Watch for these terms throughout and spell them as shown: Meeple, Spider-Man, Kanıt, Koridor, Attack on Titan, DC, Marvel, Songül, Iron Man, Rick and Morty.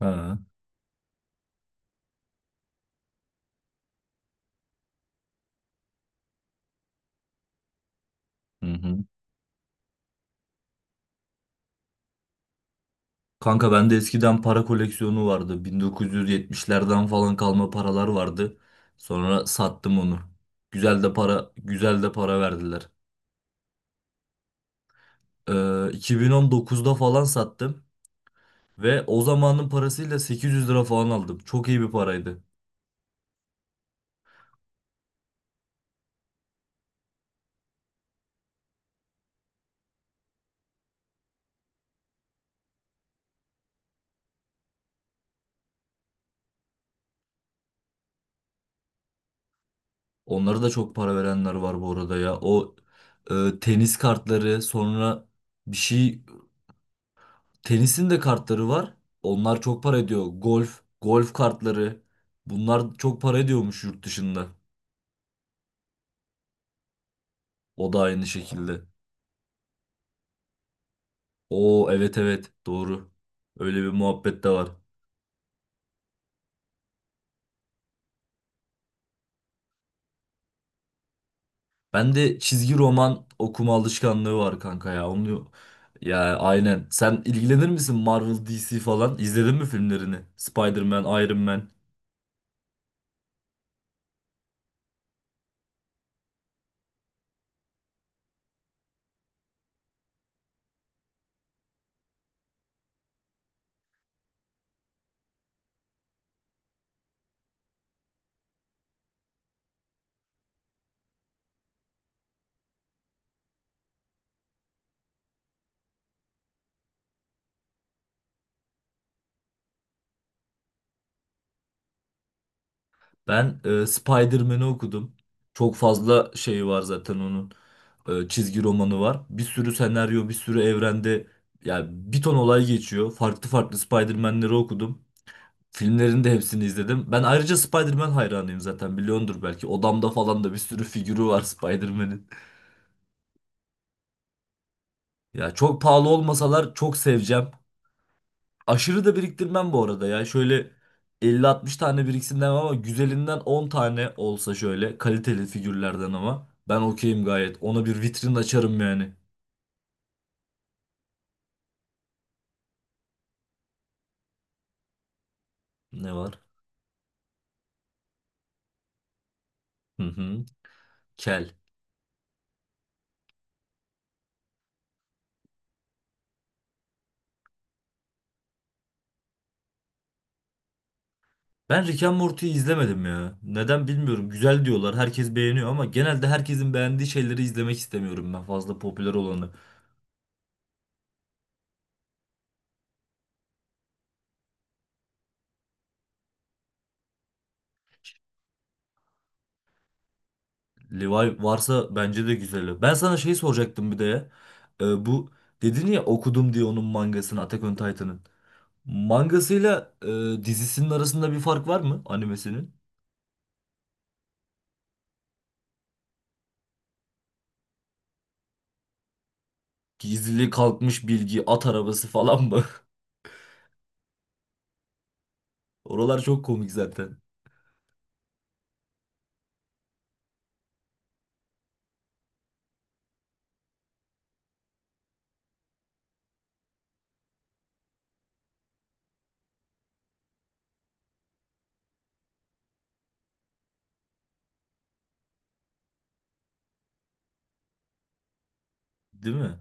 Ha, hı hı. Kanka bende eskiden para koleksiyonu vardı. 1970'lerden falan kalma paralar vardı. Sonra sattım onu. Güzel de para, güzel de para verdiler. Ee, 2019'da falan sattım ve o zamanın parasıyla 800 lira falan aldım. Çok iyi bir paraydı. Onlara da çok para verenler var bu arada ya. O tenis kartları, sonra bir şey tenisin de kartları var. Onlar çok para ediyor. Golf, golf kartları. Bunlar çok para ediyormuş yurt dışında. O da aynı şekilde. Oo, evet evet, doğru. Öyle bir muhabbet de var. Ben de çizgi roman okuma alışkanlığı var kanka ya. Onu ya aynen. Sen ilgilenir misin Marvel, DC falan? İzledin mi filmlerini? Spider-Man, Iron Man. Ben Spider-Man'i okudum. Çok fazla şeyi var zaten onun. Çizgi romanı var. Bir sürü senaryo, bir sürü evrende yani bir ton olay geçiyor. Farklı farklı Spider-Man'leri okudum. Filmlerin de hepsini izledim. Ben ayrıca Spider-Man hayranıyım, zaten biliyordur belki. Odamda falan da bir sürü figürü var Spider-Man'in. Ya çok pahalı olmasalar çok seveceğim. Aşırı da biriktirmem bu arada ya. Şöyle 50-60 tane biriksin demem ama güzelinden 10 tane olsa, şöyle kaliteli figürlerden, ama ben okeyim gayet. Ona bir vitrin açarım yani. Ne var? Hı hı. Kel. Ben Rick and Morty'yi izlemedim ya. Neden bilmiyorum. Güzel diyorlar. Herkes beğeniyor ama genelde herkesin beğendiği şeyleri izlemek istemiyorum ben. Fazla popüler olanı. Levi varsa bence de güzel. Ben sana şey soracaktım bir de ya. Bu dedin ya okudum diye onun mangasını, Attack on Titan'ın. Mangasıyla dizisinin arasında bir fark var mı, animesinin? Gizli kalkmış bilgi, at arabası falan mı? Oralar çok komik zaten. Değil mi?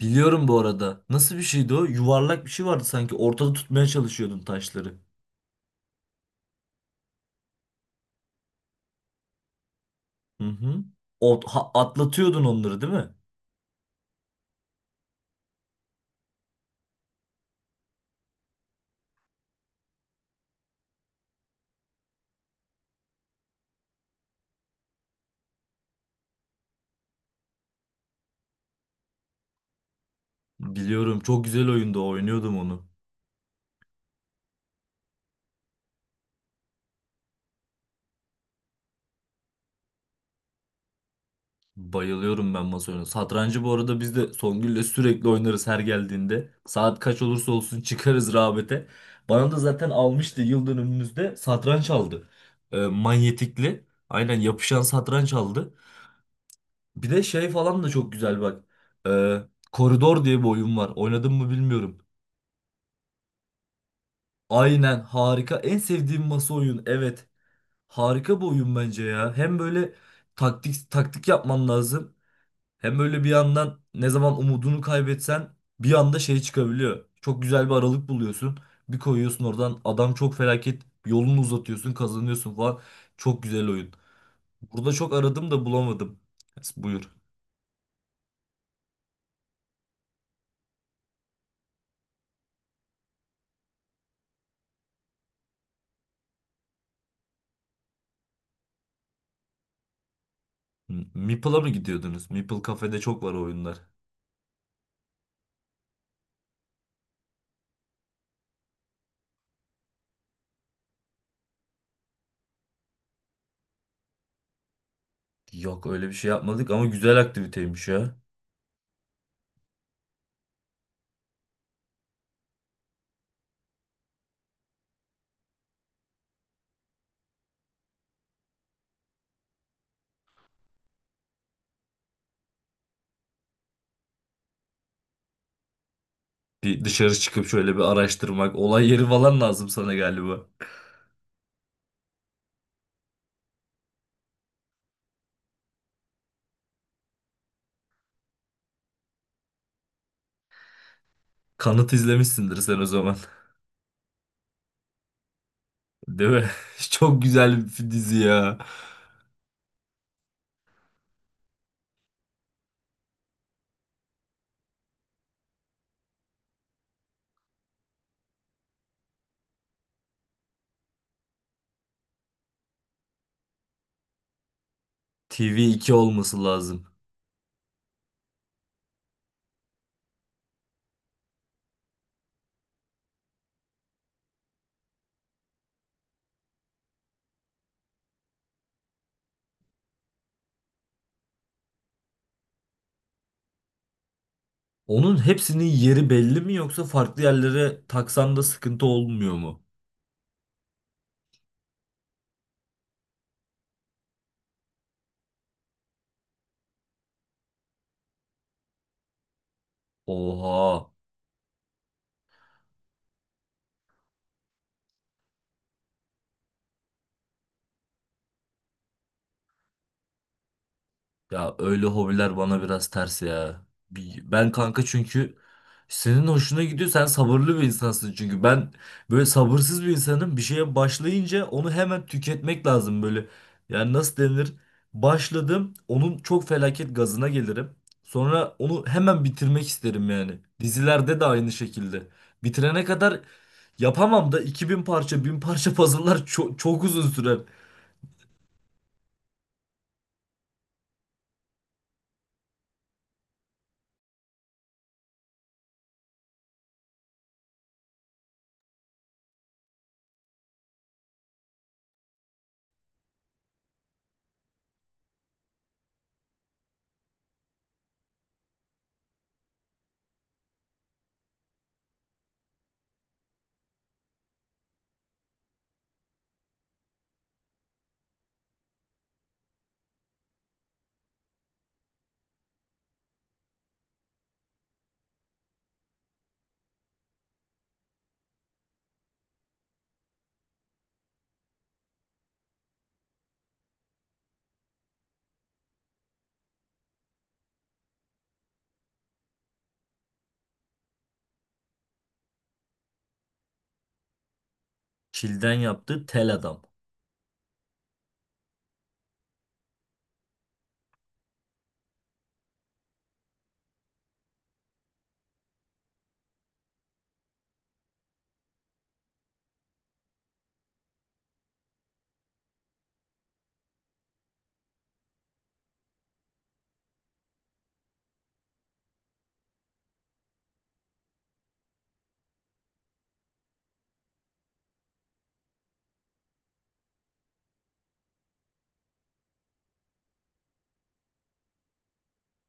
Biliyorum bu arada. Nasıl bir şeydi o? Yuvarlak bir şey vardı sanki. Ortada tutmaya çalışıyordun taşları. Hı hı. Atlatıyordun onları değil mi? Biliyorum. Çok güzel oyunda oynuyordum onu. Bayılıyorum ben masa oyunu. Satrancı bu arada biz de Songül'le sürekli oynarız her geldiğinde. Saat kaç olursa olsun çıkarız rağbete. Bana da zaten almıştı, yıl dönümümüzde satranç aldı. Manyetikli. Aynen, yapışan satranç aldı. Bir de şey falan da çok güzel bak. Ee, Koridor diye bir oyun var. Oynadın mı bilmiyorum. Aynen, harika. En sevdiğim masa oyun. Evet. Harika bir oyun bence ya. Hem böyle taktik taktik yapman lazım. Hem böyle bir yandan ne zaman umudunu kaybetsen bir anda şey çıkabiliyor. Çok güzel bir aralık buluyorsun. Bir koyuyorsun oradan adam, çok felaket yolunu uzatıyorsun, kazanıyorsun falan. Çok güzel oyun. Burada çok aradım da bulamadım. Yes, buyur. Meeple'a mı gidiyordunuz? Meeple kafede çok var o oyunlar. Yok, öyle bir şey yapmadık ama güzel aktiviteymiş ya. Bir dışarı çıkıp şöyle bir araştırmak. Olay yeri falan lazım sana galiba. Kanıt izlemişsindir sen o zaman. Değil mi? Çok güzel bir dizi ya. TV2 olması lazım. Onun hepsinin yeri belli mi, yoksa farklı yerlere taksan da sıkıntı olmuyor mu? Oha. Ya öyle hobiler bana biraz ters ya. Ben kanka, çünkü senin hoşuna gidiyor. Sen sabırlı bir insansın çünkü. Ben böyle sabırsız bir insanım. Bir şeye başlayınca onu hemen tüketmek lazım böyle. Yani nasıl denir? Başladım. Onun çok felaket gazına gelirim. Sonra onu hemen bitirmek isterim yani. Dizilerde de aynı şekilde. Bitirene kadar yapamam da 2000 parça, 1000 parça puzzle'lar çok, çok uzun sürer. Çilden yaptığı tel adam.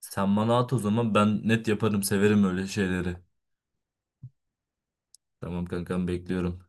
Sen bana at o zaman, ben net yaparım, severim öyle şeyleri. Tamam kankam, bekliyorum.